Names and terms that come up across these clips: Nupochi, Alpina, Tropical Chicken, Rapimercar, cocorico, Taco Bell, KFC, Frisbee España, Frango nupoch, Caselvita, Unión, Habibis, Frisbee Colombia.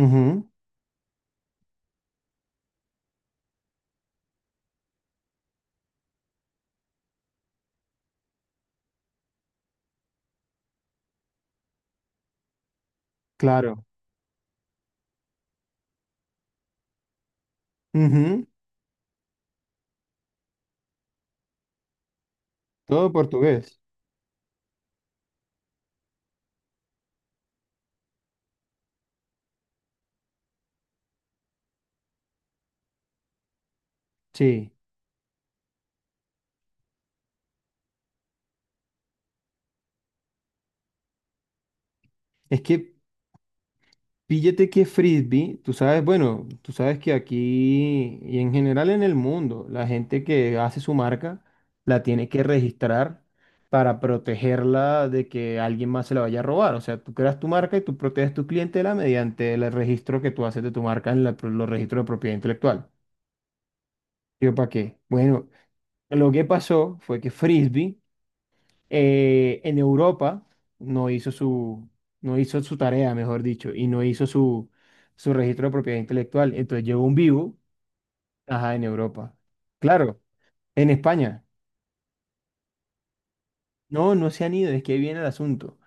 Ujú, claro. Ujú, todo portugués. Sí. Es que píllate que frisbee, tú sabes, bueno, tú sabes que aquí y en general en el mundo, la gente que hace su marca la tiene que registrar para protegerla de que alguien más se la vaya a robar. O sea, tú creas tu marca y tú proteges tu clientela mediante el registro que tú haces de tu marca en los registros de propiedad intelectual. ¿Yo para qué? Bueno, lo que pasó fue que frisbee. En Europa no hizo su, no hizo su tarea, mejor dicho, y no hizo su, su registro de propiedad intelectual. Entonces llegó un vivo, ajá, en Europa. Claro, en España. No, no se han ido, es que ahí viene el asunto.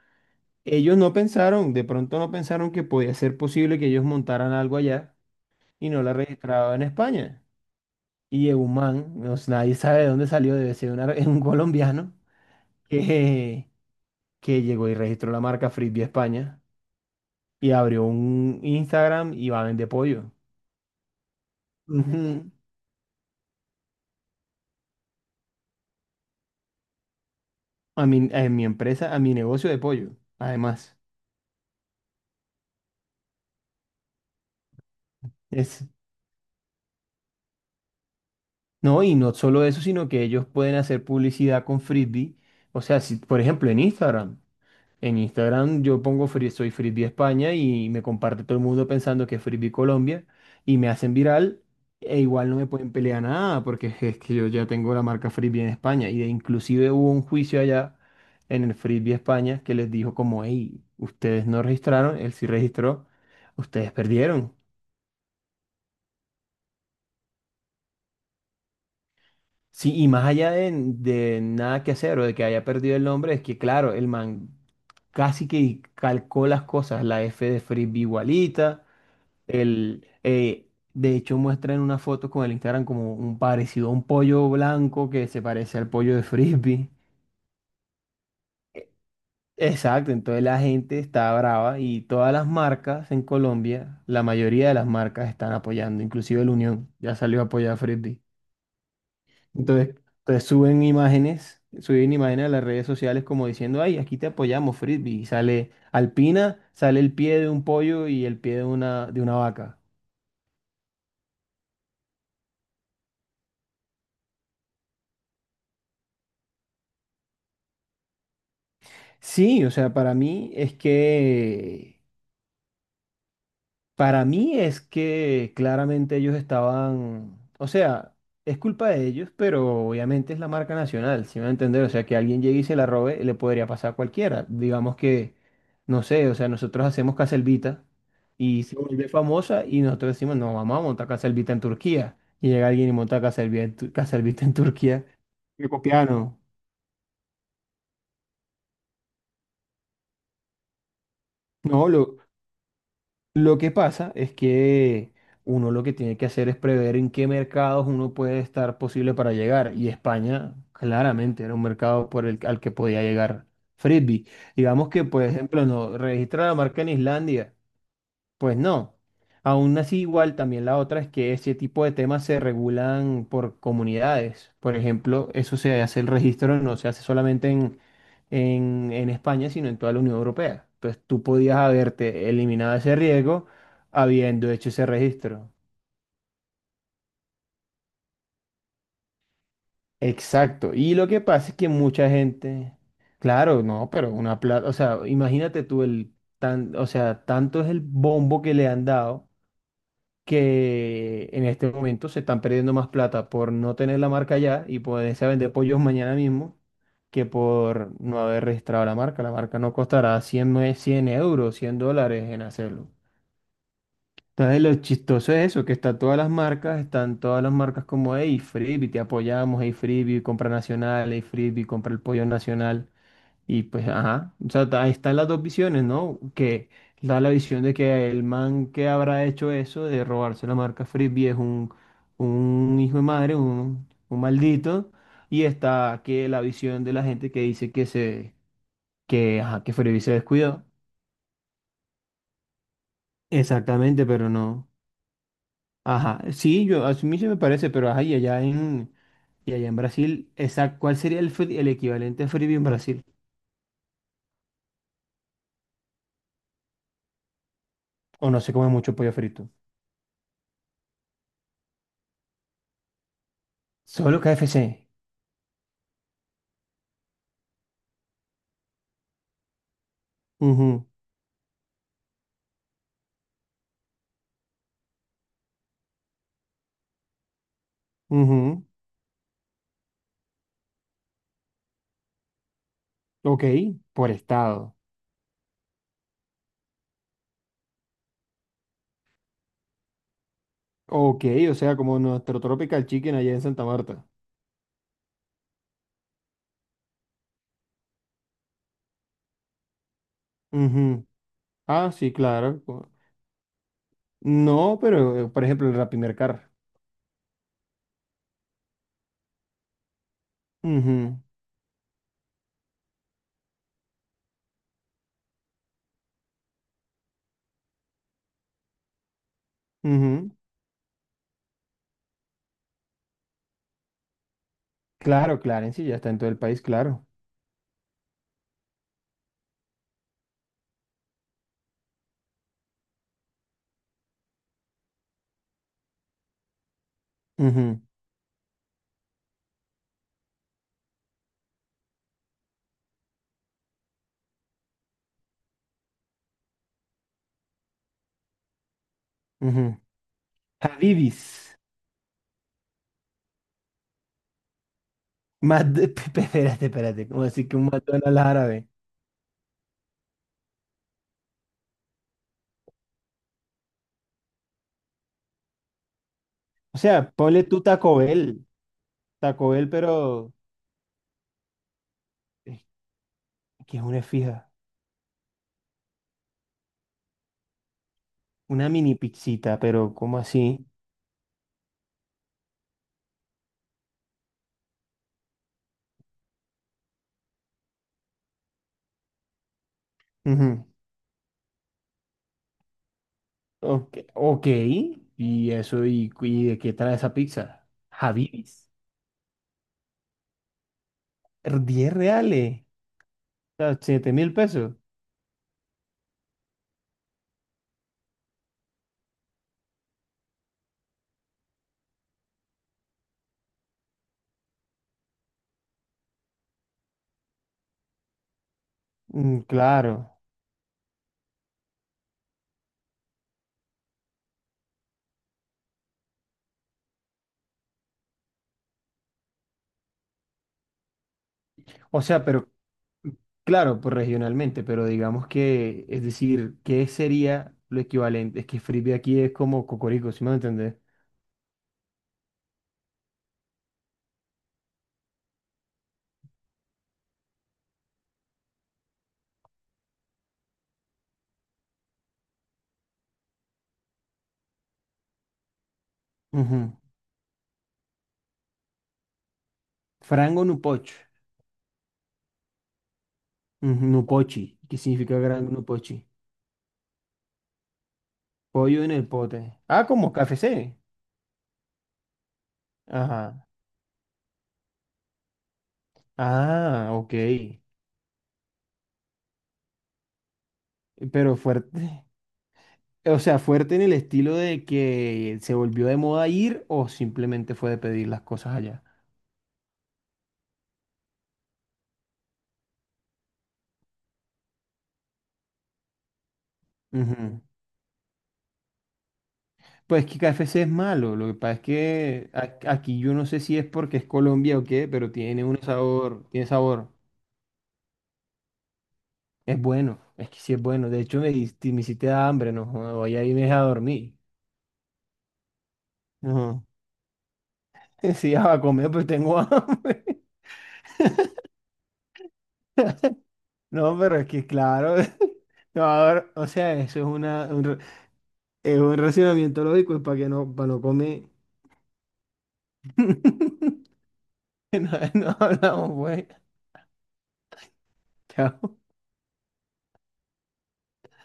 Ellos no pensaron, de pronto no pensaron que podía ser posible que ellos montaran algo allá y no la registraban en España. Y llegó un man, nadie sabe de dónde salió, debe ser un colombiano, que, que llegó y registró la marca Frisbee España, y abrió un Instagram y va a vender pollo. Ujú. A mi empresa, a mi negocio de pollo, además. Es, no, y no solo eso, sino que ellos pueden hacer publicidad con Frisbee. O sea, si, por ejemplo, en Instagram. En Instagram yo pongo soy Frisbee España y me comparte todo el mundo pensando que es Frisbee Colombia y me hacen viral e igual no me pueden pelear nada porque es que yo ya tengo la marca Frisbee en España y inclusive hubo un juicio allá en el Frisbee España que les dijo como, hey, ustedes no registraron, él sí registró, ustedes perdieron. Sí, y más allá de nada que hacer o de que haya perdido el nombre, es que claro, el man casi que calcó las cosas, la F de Frisbee igualita. De hecho, muestra en una foto con el Instagram como un parecido a un pollo blanco que se parece al pollo de Frisbee. Exacto, entonces la gente está brava y todas las marcas en Colombia, la mayoría de las marcas están apoyando, inclusive el Unión ya salió a apoyar a Frisbee. Entonces suben imágenes a las redes sociales como diciendo, ay, aquí te apoyamos, Frisbee. Y sale Alpina, sale el pie de un pollo y el pie de de una vaca. Sí, o sea, para mí es que claramente ellos estaban, o sea, es culpa de ellos, pero obviamente es la marca nacional, si me va a entender, o sea, que alguien llegue y se la robe, le podría pasar a cualquiera. Digamos que, no sé, o sea, nosotros hacemos Caselvita y se vuelve famosa y nosotros decimos, no, vamos a montar Caselvita en Turquía. Y llega alguien y monta Caselvita Caselvita en Turquía. Le copiaron. No, lo que pasa es que uno lo que tiene que hacer es prever en qué mercados uno puede estar posible para llegar. Y España claramente era un mercado por al que podía llegar Frisbee. Digamos que, por ejemplo, no registra la marca en Islandia. Pues no. Aún así, igual también la otra es que este tipo de temas se regulan por comunidades. Por ejemplo, eso se hace el registro, no se hace solamente en España, sino en toda la Unión Europea. Entonces tú podías haberte eliminado ese riesgo habiendo hecho ese registro. Exacto. Y lo que pasa es que mucha gente, claro, no, pero una plata, o sea, imagínate tú el tan, o sea, tanto es el bombo que le han dado que en este momento se están perdiendo más plata por no tener la marca ya y poderse vender pollos mañana mismo que por no haber registrado la marca. La marca no costará 100 euros, $100 en hacerlo. Entonces lo chistoso es eso, que están todas las marcas como hey Freebie, te apoyamos, hey Freebie, compra nacional, hey Freebie, compra el pollo nacional. Y pues, ajá, o sea, ahí están las dos visiones, ¿no? Que da la visión de que el man que habrá hecho eso de robarse la marca Frisbee es un hijo de madre, un maldito. Y está que la visión de la gente que dice ajá, que Frisbee se descuidó. Exactamente, pero no. Ajá, sí, yo, a mí sí me parece, pero ajá, y allá en Brasil, esa, ¿cuál sería el equivalente a Frisbee en Brasil? O no se come mucho pollo frito. Solo KFC. Ujú, ok, por estado. Ok, o sea, como nuestro Tropical Chicken allá en Santa Marta. Ujú, ah, sí, claro. No, pero por ejemplo, el Rapimercar. Ujú, ujú, claro, Clarence, ya está en todo el país, claro. Ujú, ujú. Habibis. Más de- Espérate, espérate. ¿Cómo así que un McDonald's árabe? O sea, ponle tú Taco Bell. Taco Bell, pero. eh, ¿Que es una fija? Una mini pizzita, pero ¿cómo así? Ok, ok. ¿Y eso? Y de qué trae esa pizza? Habibis. ¿10 reales? O sea, 7.000 pesos. Mm, claro. O sea, pero, claro, pues regionalmente, pero digamos que, es decir, ¿qué sería lo equivalente? Es que frisbee aquí es como cocorico, ¿sí me va a entender? Ujú. Frango nupoch. Ujú, Nupochi. ¿Qué significa gran nupochi? Pollo en el pote. Ah, como K F C. Ajá. Ah, ok. Pero fuerte. O sea, fuerte en el estilo de que se volvió de moda ir o simplemente fue de pedir las cosas allá. Ujú. Pues que KFC es malo, lo que pasa es que aquí yo no sé si es porque es Colombia o qué, pero tiene un sabor, tiene sabor, es bueno, es que sí es bueno, de hecho me hiciste dar hambre, no, joda, voy a irme a dormir. Ujú. Sí, ya a comer, pues tengo hambre. No, pero es que claro, no, ahora, o sea, eso es es un racionamiento lógico, es para que no, para no comer. No, no hablamos, güey. Chao.